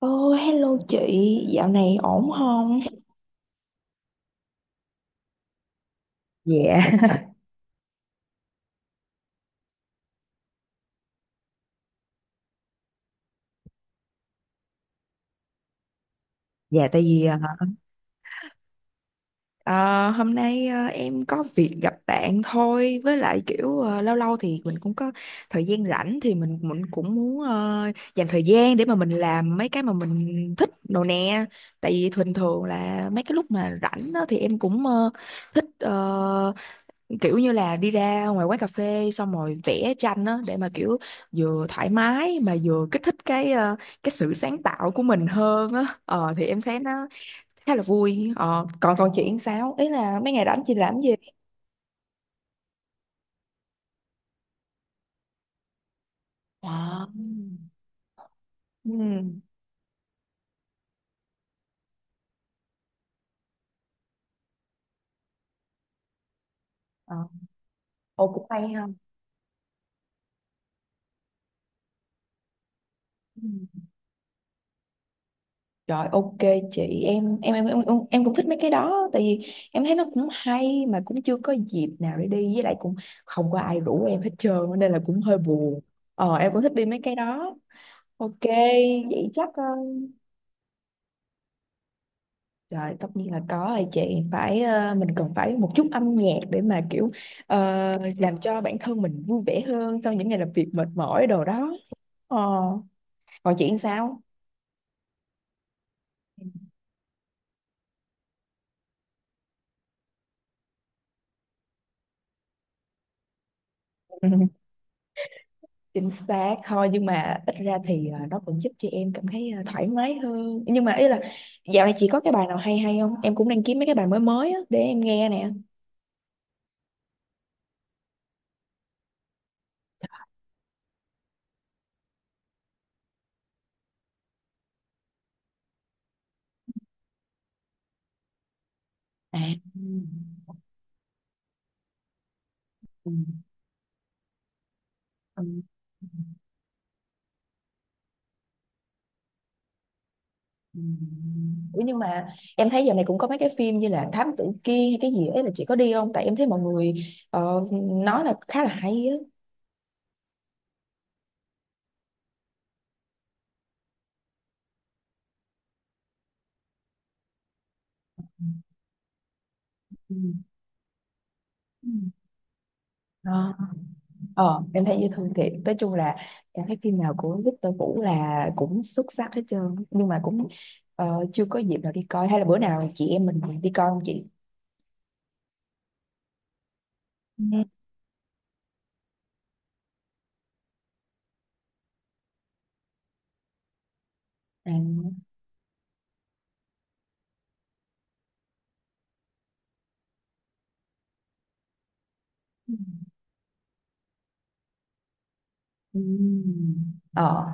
Ô, hello chị, dạo này ổn không? Dạ, dạ tại vì ờ, hôm nay em có việc gặp bạn thôi với lại kiểu lâu lâu thì mình cũng có thời gian rảnh thì mình cũng muốn dành thời gian để mà mình làm mấy cái mà mình thích đồ nè. Tại vì thường thường là mấy cái lúc mà rảnh đó, thì em cũng thích kiểu như là đi ra ngoài quán cà phê xong rồi vẽ tranh á để mà kiểu vừa thoải mái mà vừa kích thích cái cái sự sáng tạo của mình hơn á ờ thì em thấy nó khá là vui ờ còn còn chị làm sao ý là mấy ngày rảnh chị làm gì. Wow. Ừ. Ờ, ô cũng hay ha. Ừ. Rồi, ok chị em em em cũng thích mấy cái đó tại vì em thấy nó cũng hay mà cũng chưa có dịp nào để đi với lại cũng không có ai rủ em hết trơn nên là cũng hơi buồn. Ờ em cũng thích đi mấy cái đó. Ok, vậy chắc trời tất nhiên là có rồi chị phải mình cần phải một chút âm nhạc để mà kiểu ờ, làm cho bản thân mình vui vẻ hơn sau những ngày làm việc mệt mỏi đồ đó. Ờ, còn chị sao? Ừ, chính xác thôi nhưng mà ít ra thì nó cũng giúp cho em cảm thấy thoải mái hơn. Nhưng mà ý là dạo này chị có cái bài nào hay hay không? Em cũng đang kiếm mấy cái bài mới mới á để em nghe nè. À. Ừ. Ừ. Ừ. Ủa nhưng mà em thấy giờ này cũng có mấy cái phim như là Thám Tử Kiên hay cái gì ấy là chị có đi không? Tại em thấy mọi người ờ, nói là khá là hay á. Ừ. Ừ. Ờ, Ờ, em thấy dễ thương thiệt. Nói chung là em thấy phim nào của Victor Vũ là cũng xuất sắc hết trơn. Nhưng mà cũng chưa có dịp nào đi coi. Hay là bữa nào chị em mình đi coi không chị? Ừ. À. Ừ. Ừ. Ờ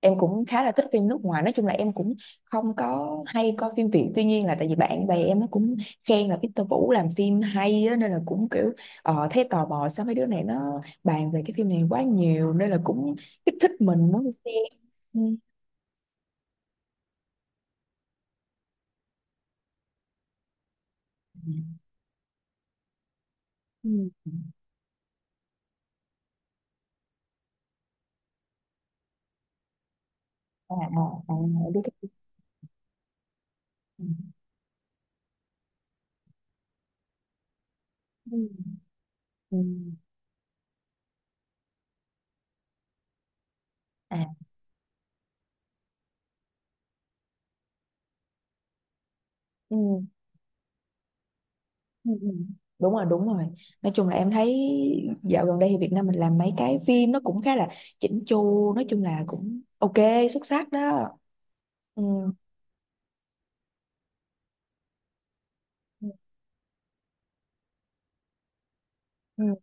em cũng khá là thích phim nước ngoài nói chung là em cũng không có hay coi phim Việt tuy nhiên là tại vì bạn bè em nó cũng khen là Victor Vũ làm phim hay á, nên là cũng kiểu thấy tò mò sao mấy đứa này nó bàn về cái phim này quá nhiều nên là cũng kích thích mình muốn đi xem. Ừ. Ừ. À. À. À, biết cái. Ừ. Ừ. Ừ. À. Ừ. Ừ. Ừ. Đúng rồi, đúng rồi, nói chung là em thấy dạo gần đây thì Việt Nam mình làm mấy cái phim nó cũng khá là chỉnh chu, nói chung là cũng ok, xuất sắc đó. Ừ, ừ, ừ,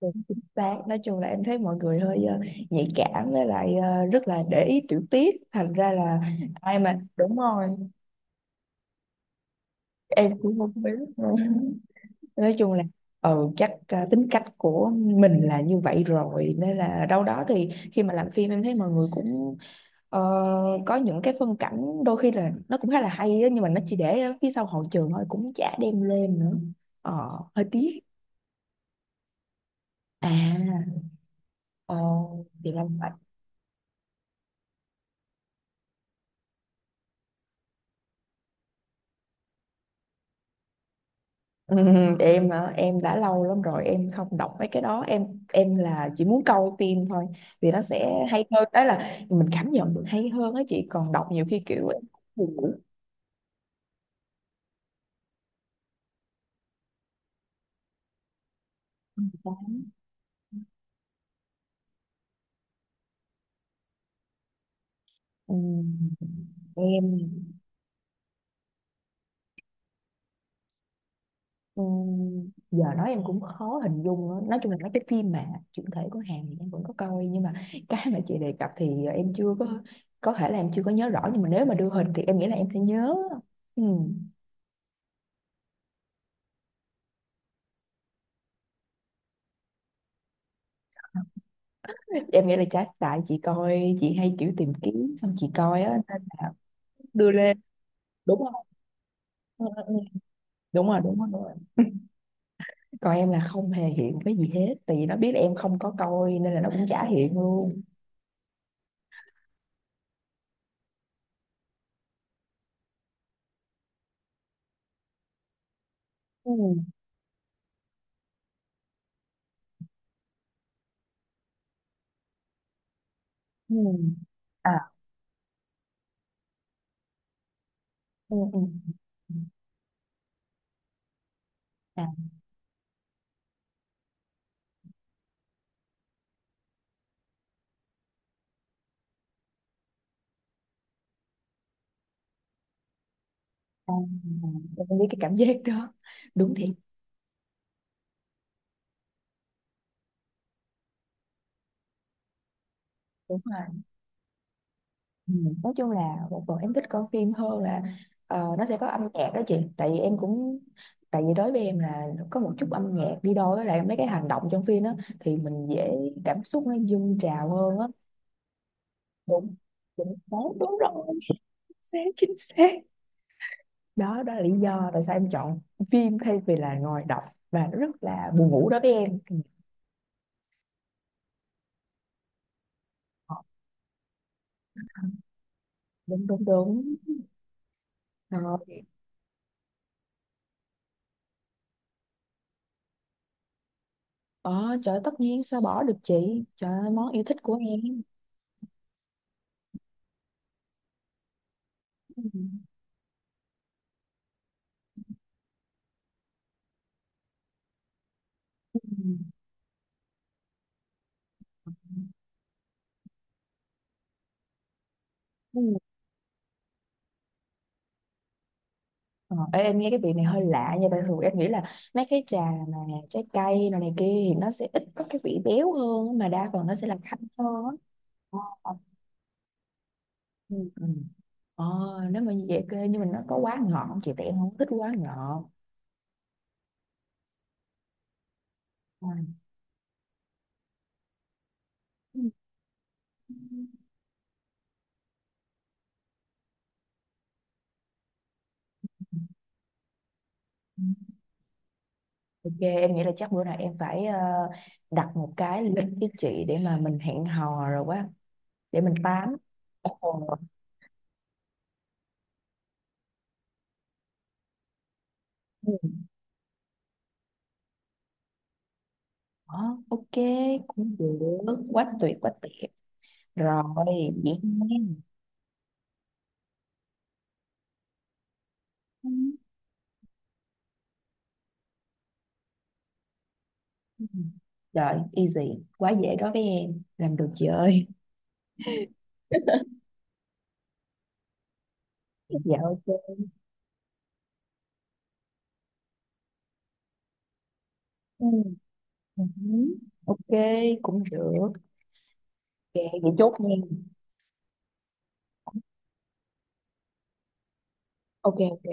đúng, chính xác. Nói chung là em thấy mọi người hơi nhạy cảm với lại rất là để ý tiểu tiết thành ra là ai mà đúng rồi em cũng không biết nữa. Nói chung là ừ chắc tính cách của mình là như vậy rồi nên là đâu đó thì khi mà làm phim em thấy mọi người cũng ờ, có những cái phân cảnh đôi khi là nó cũng khá là hay á, nhưng mà nó chỉ để ở phía sau hậu trường thôi cũng chả đem lên nữa ờ, hơi tiếc. À ờ, thì là. Ừ, em hả? Em đã lâu lắm rồi em không đọc mấy cái đó, em là chỉ muốn coi phim thôi vì nó sẽ hay hơn đó là mình cảm nhận được hay hơn á chị còn đọc nhiều khi kiểu em buồn ngủ. Ừ, em. Ừ, giờ nói em cũng khó hình dung nữa. Nói chung là mấy cái phim mà chuyển thể của Hàn thì em vẫn có coi nhưng mà cái mà chị đề cập thì em chưa có, có thể là em chưa có nhớ rõ nhưng mà nếu mà đưa hình thì em nghĩ là em sẽ nhớ. Ừ. Em nghĩ là chắc tại chị coi, chị hay kiểu tìm kiếm xong chị coi á nên là đưa lên, đúng không. Ừ, ừ, ừ. Đúng rồi đúng rồi đúng rồi còn em là không hề hiện cái gì hết tại vì nó biết em không có coi nên là nó cũng chả hiện luôn. Ừ, ừ, à ừ, ừ. Ừ. À, à, à. Em biết cái cảm giác đó, đúng thiệt, đúng rồi. Ừ, nói chung là một phần em thích coi phim hơn là nó sẽ có âm nhạc đó chị tại vì em cũng, tại vì đối với em là có một chút âm nhạc đi đôi với lại mấy cái hành động trong phim đó thì mình dễ cảm xúc nó dâng trào hơn á. Đúng đúng đúng, đúng rồi chính xác đó đó là lý do tại sao em chọn phim thay vì là ngồi đọc và nó rất là buồn ngủ đối với em. Ừ, ờ, đúng đúng đúng. Ờ, ờ trời tất nhiên sao bỏ được chị, trời ơi, món yêu thích của em. Ừ. Ờ, ê, em nghe cái vị này hơi lạ nha tại thường em nghĩ là mấy cái trà mà trái cây này, này kia thì nó sẽ ít có cái vị béo hơn á, mà đa phần nó sẽ là thanh hơn á. Ờ, ờ, ừ. Ừ. Ờ, nếu mà như vậy kê nhưng mà nó có quá ngọt không chị tại em không thích quá ngọt. Ừ. Ừ. Ok em nghĩ là chắc bữa nào em phải đặt một cái lịch với chị để mà mình hẹn hò rồi quá để mình tám. Ồ. Ừ. Ờ, ok cũng được, quá tuyệt rồi vậy nha. Ừ. Trời, easy, quá dễ đối với em, làm được chị ơi. Dạ ok. Ừ. Ừ. Ok, cũng được. Ok, vậy chốt nha. Ok ok.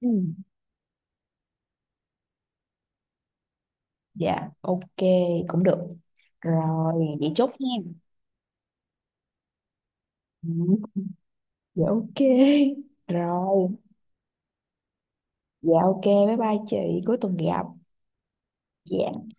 Ừ. Dạ, ok, cũng được. Rồi, vậy chốt nha. Ừ. Dạ ok. Rồi, dạ ok, bye bye chị, cuối tuần gặp. Dạ.